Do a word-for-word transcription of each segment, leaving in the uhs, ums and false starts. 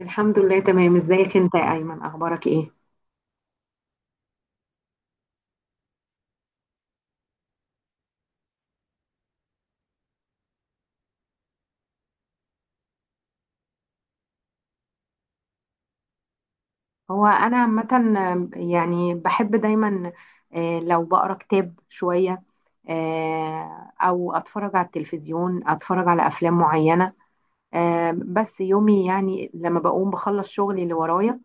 الحمد لله تمام، ازيك انت يا ايمن؟ اخبارك ايه؟ هو انا عامه يعني بحب دايما، آه، لو بقرا كتاب شويه، آه، او اتفرج على التلفزيون، اتفرج على افلام معينه. آه، بس يومي يعني لما بقوم بخلص شغلي اللي ورايا،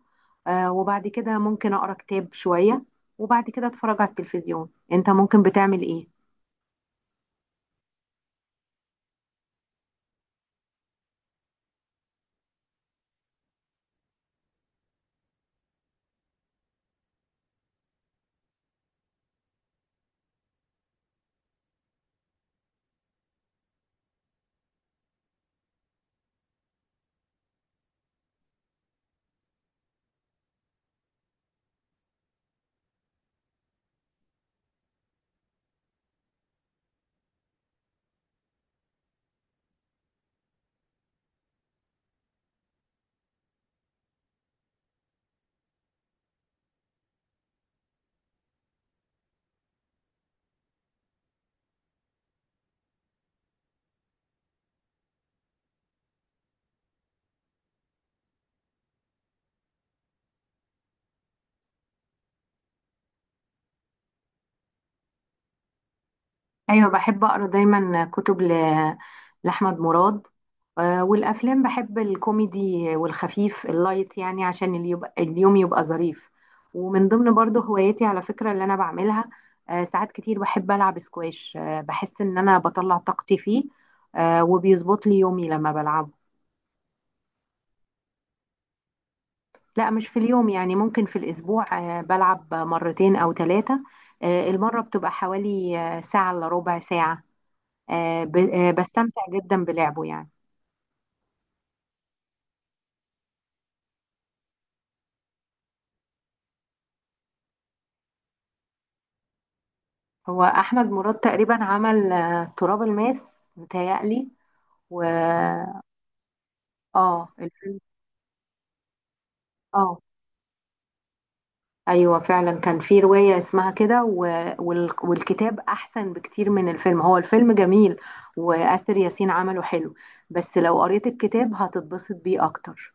آه، وبعد كده ممكن اقرا كتاب شويه، وبعد كده اتفرج على التلفزيون. انت ممكن بتعمل ايه؟ ايوه، بحب اقرا دايما كتب ل... لاحمد مراد. آه، والافلام بحب الكوميدي والخفيف اللايت، يعني عشان اللي يبقى اليوم يبقى ظريف. ومن ضمن برضه هواياتي على فكره اللي انا بعملها، آه، ساعات كتير بحب العب سكواش. آه، بحس ان انا بطلع طاقتي فيه، آه، وبيظبط لي يومي لما بلعبه. لا، مش في اليوم، يعني ممكن في الاسبوع آه، بلعب مرتين او ثلاثه. المره بتبقى حوالي آه، ساعه الا ربع ساعه. آه، ب- آه، بستمتع جدا بلعبه يعني. هو احمد مراد تقريبا عمل آه، تراب الماس متهيألي، و اه، الفيلم. اه، ايوه فعلا كان في روايه اسمها كده و... وال... والكتاب احسن بكتير من الفيلم. هو الفيلم جميل، وآسر ياسين عمله حلو، بس لو قريت الكتاب هتتبسط بيه اكتر.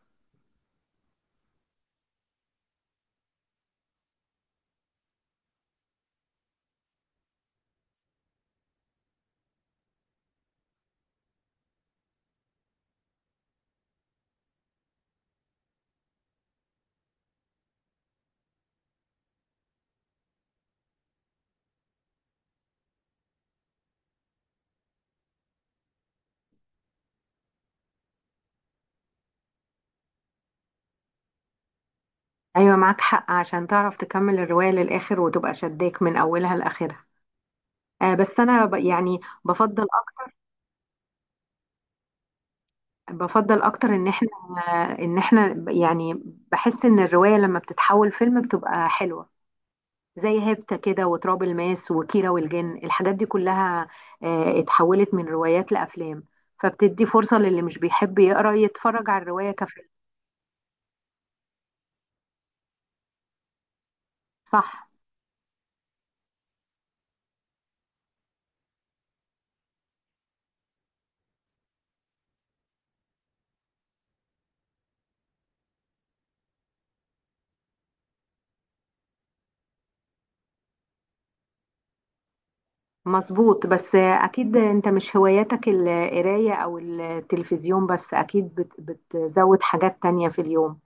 ايوه معاك حق، عشان تعرف تكمل الروايه للاخر وتبقى شداك من اولها لاخرها. آه، بس انا ب... يعني بفضل بفضل اكتر ان احنا، ان احنا يعني بحس ان الرواية لما بتتحول فيلم بتبقى حلوة، زي هيبتا كده، وتراب الماس، وكيرة والجن، الحاجات دي كلها آه، اتحولت من روايات لافلام، فبتدي فرصة للي مش بيحب يقرا يتفرج على الرواية كفيلم. صح. مظبوط، بس آه، اكيد انت مش هواياتك القراية او التلفزيون بس، اكيد بت- بتزود حاجات تانية في اليوم.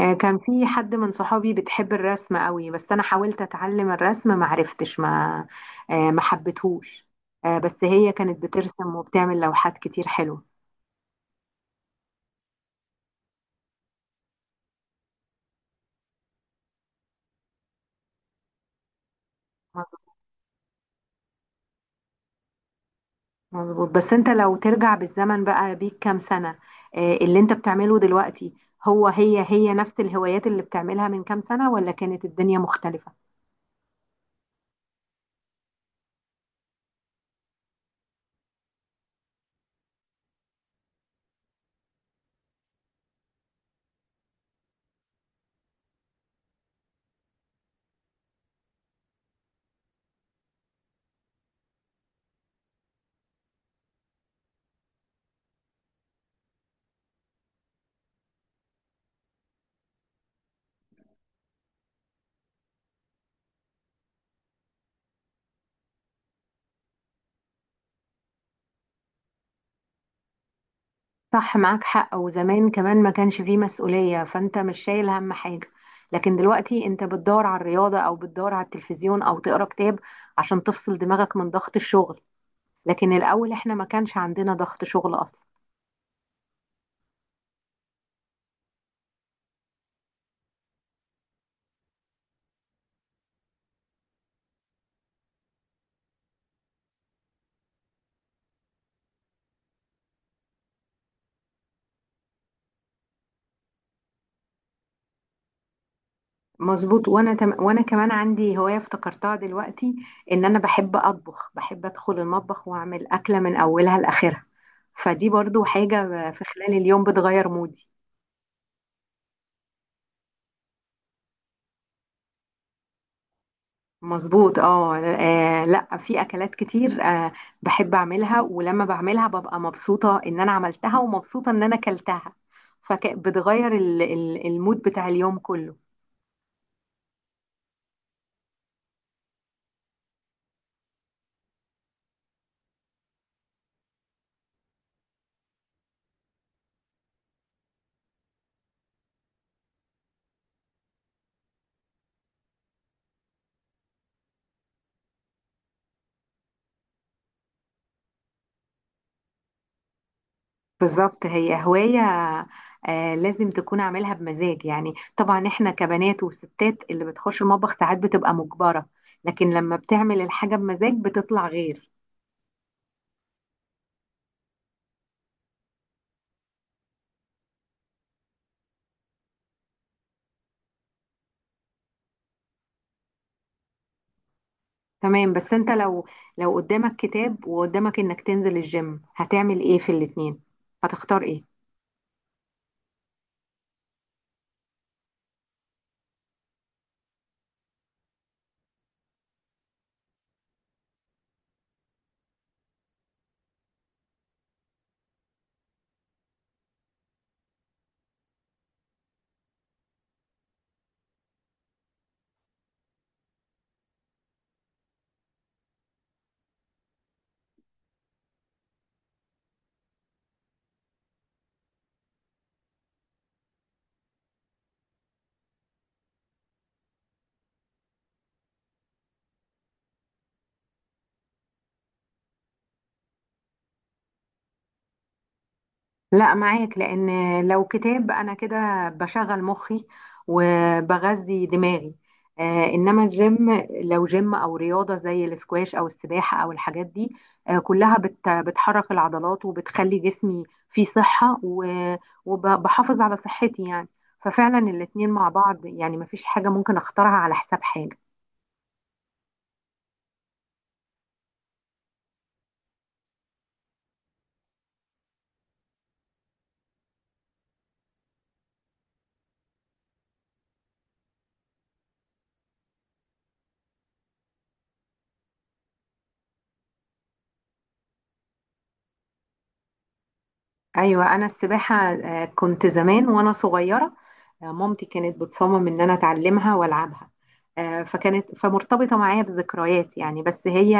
آه، كان في حد من صحابي بتحب الرسم قوي، بس انا حاولت اتعلم الرسم ما عرفتش، ما آه، ما حبيتهوش. آه، بس هي كانت بترسم وبتعمل لوحات كتير حلوة. مظبوط. مظبوط بس انت لو ترجع بالزمن بقى بيك كام سنة، آه، اللي انت بتعمله دلوقتي هو هي هي نفس الهوايات اللي بتعملها من كام سنة؟ ولا كانت الدنيا مختلفة؟ صح، معاك حق. وزمان كمان ما كانش فيه مسؤولية، فانت مش شايل هم حاجة. لكن دلوقتي انت بتدور على الرياضة، او بتدور على التلفزيون، او تقرا كتاب عشان تفصل دماغك من ضغط الشغل، لكن الاول احنا ما كانش عندنا ضغط شغل اصلا. مظبوط وانا تم... وانا كمان عندي هواية افتكرتها دلوقتي، ان انا بحب اطبخ. بحب ادخل المطبخ واعمل اكلة من اولها لاخرها، فدي برضو حاجة ب- في خلال اليوم بتغير مودي. مظبوط. اه، آه، لا، في اكلات كتير آه بحب اعملها، ولما بعملها ببقى مبسوطه ان انا عملتها، ومبسوطه ان انا اكلتها، فبتغير المود بتاع اليوم كله. بالظبط، هي هوايه آه لازم تكون عاملها بمزاج. يعني طبعا احنا كبنات وستات اللي بتخش المطبخ ساعات بتبقى مجبره، لكن لما بتعمل الحاجه بمزاج بتطلع غير. تمام، بس انت لو، لو قدامك كتاب وقدامك انك تنزل الجيم، هتعمل ايه في الاتنين؟ هتختار ايه؟ لا، معاك، لان لو كتاب انا كده بشغل مخي وبغذي دماغي، آه انما الجيم، لو جيم او رياضه زي الاسكواش او السباحه او الحاجات دي، آه كلها بت بتحرك العضلات وبتخلي جسمي فيه صحه، و- وبحافظ على صحتي يعني. ففعلا الاتنين مع بعض، يعني مفيش حاجه ممكن اختارها على حساب حاجه. ايوه، انا السباحه آه، كنت زمان وانا صغيره، آه، مامتي كانت بتصمم ان انا اتعلمها والعبها، آه، فكانت فمرتبطه معايا بذكريات يعني. بس هي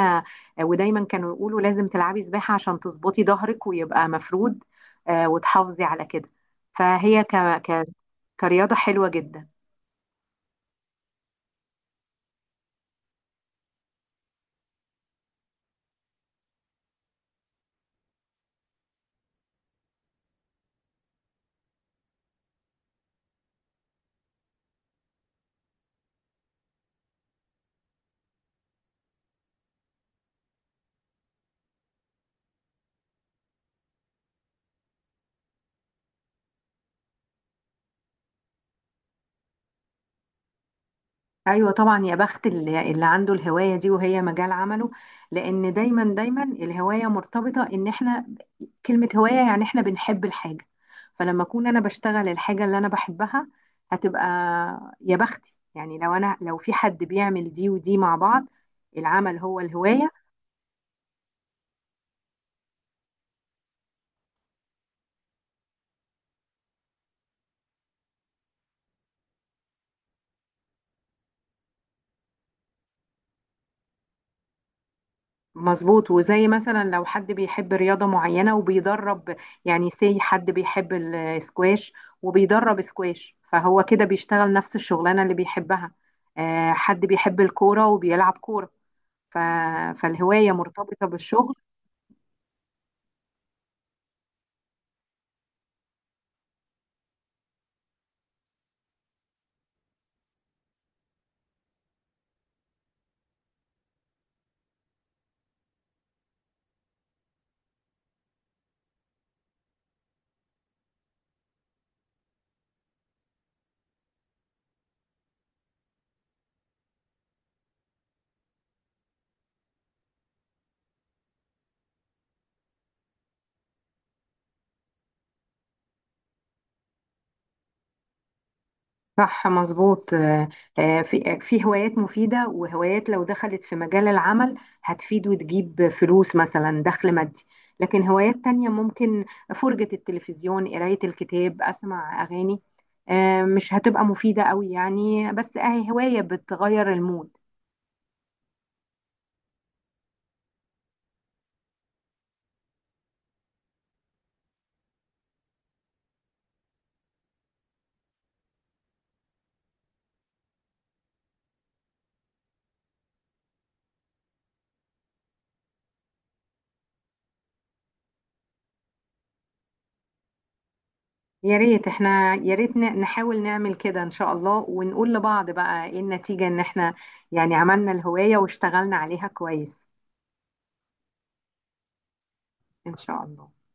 آه، ودايما كانوا يقولوا لازم تلعبي سباحه عشان تظبطي ظهرك ويبقى مفرود، آه، وتحافظي على كده، فهي ك... ك... كرياضه حلوه جدا. ايوه طبعا، يا بخت اللي, اللي عنده الهوايه دي وهي مجال عمله، لان دايما دايما الهوايه مرتبطه ان احنا، كلمه هوايه يعني احنا بنحب الحاجه، فلما اكون انا بشتغل الحاجه اللي انا بحبها هتبقى، يا بختي يعني لو انا، لو في حد بيعمل دي ودي مع بعض، العمل هو الهوايه. مظبوط، وزي مثلا لو حد بيحب رياضة معينة وبيدرب، يعني سي حد بيحب السكواش وبيدرب سكواش، فهو كده بيشتغل نفس الشغلانة اللي بيحبها. آه، حد بيحب الكورة وبيلعب كورة، ف- فالهواية مرتبطة بالشغل. صح، مظبوط. آه، آه، في آه، في هوايات مفيدة، وهوايات لو دخلت في مجال العمل هتفيد وتجيب فلوس مثلا، دخل مادي. لكن هوايات تانية، ممكن فرجة التلفزيون، قراية الكتاب، أسمع أغاني، آه، مش هتبقى مفيدة قوي يعني، بس أهي هواية بتغير المود. يا ريت احنا، يا ريت ن- نحاول نعمل كده إن شاء الله، ونقول لبعض بقى إيه النتيجة، إن احنا يعني عملنا الهواية واشتغلنا عليها كويس. إن شاء الله.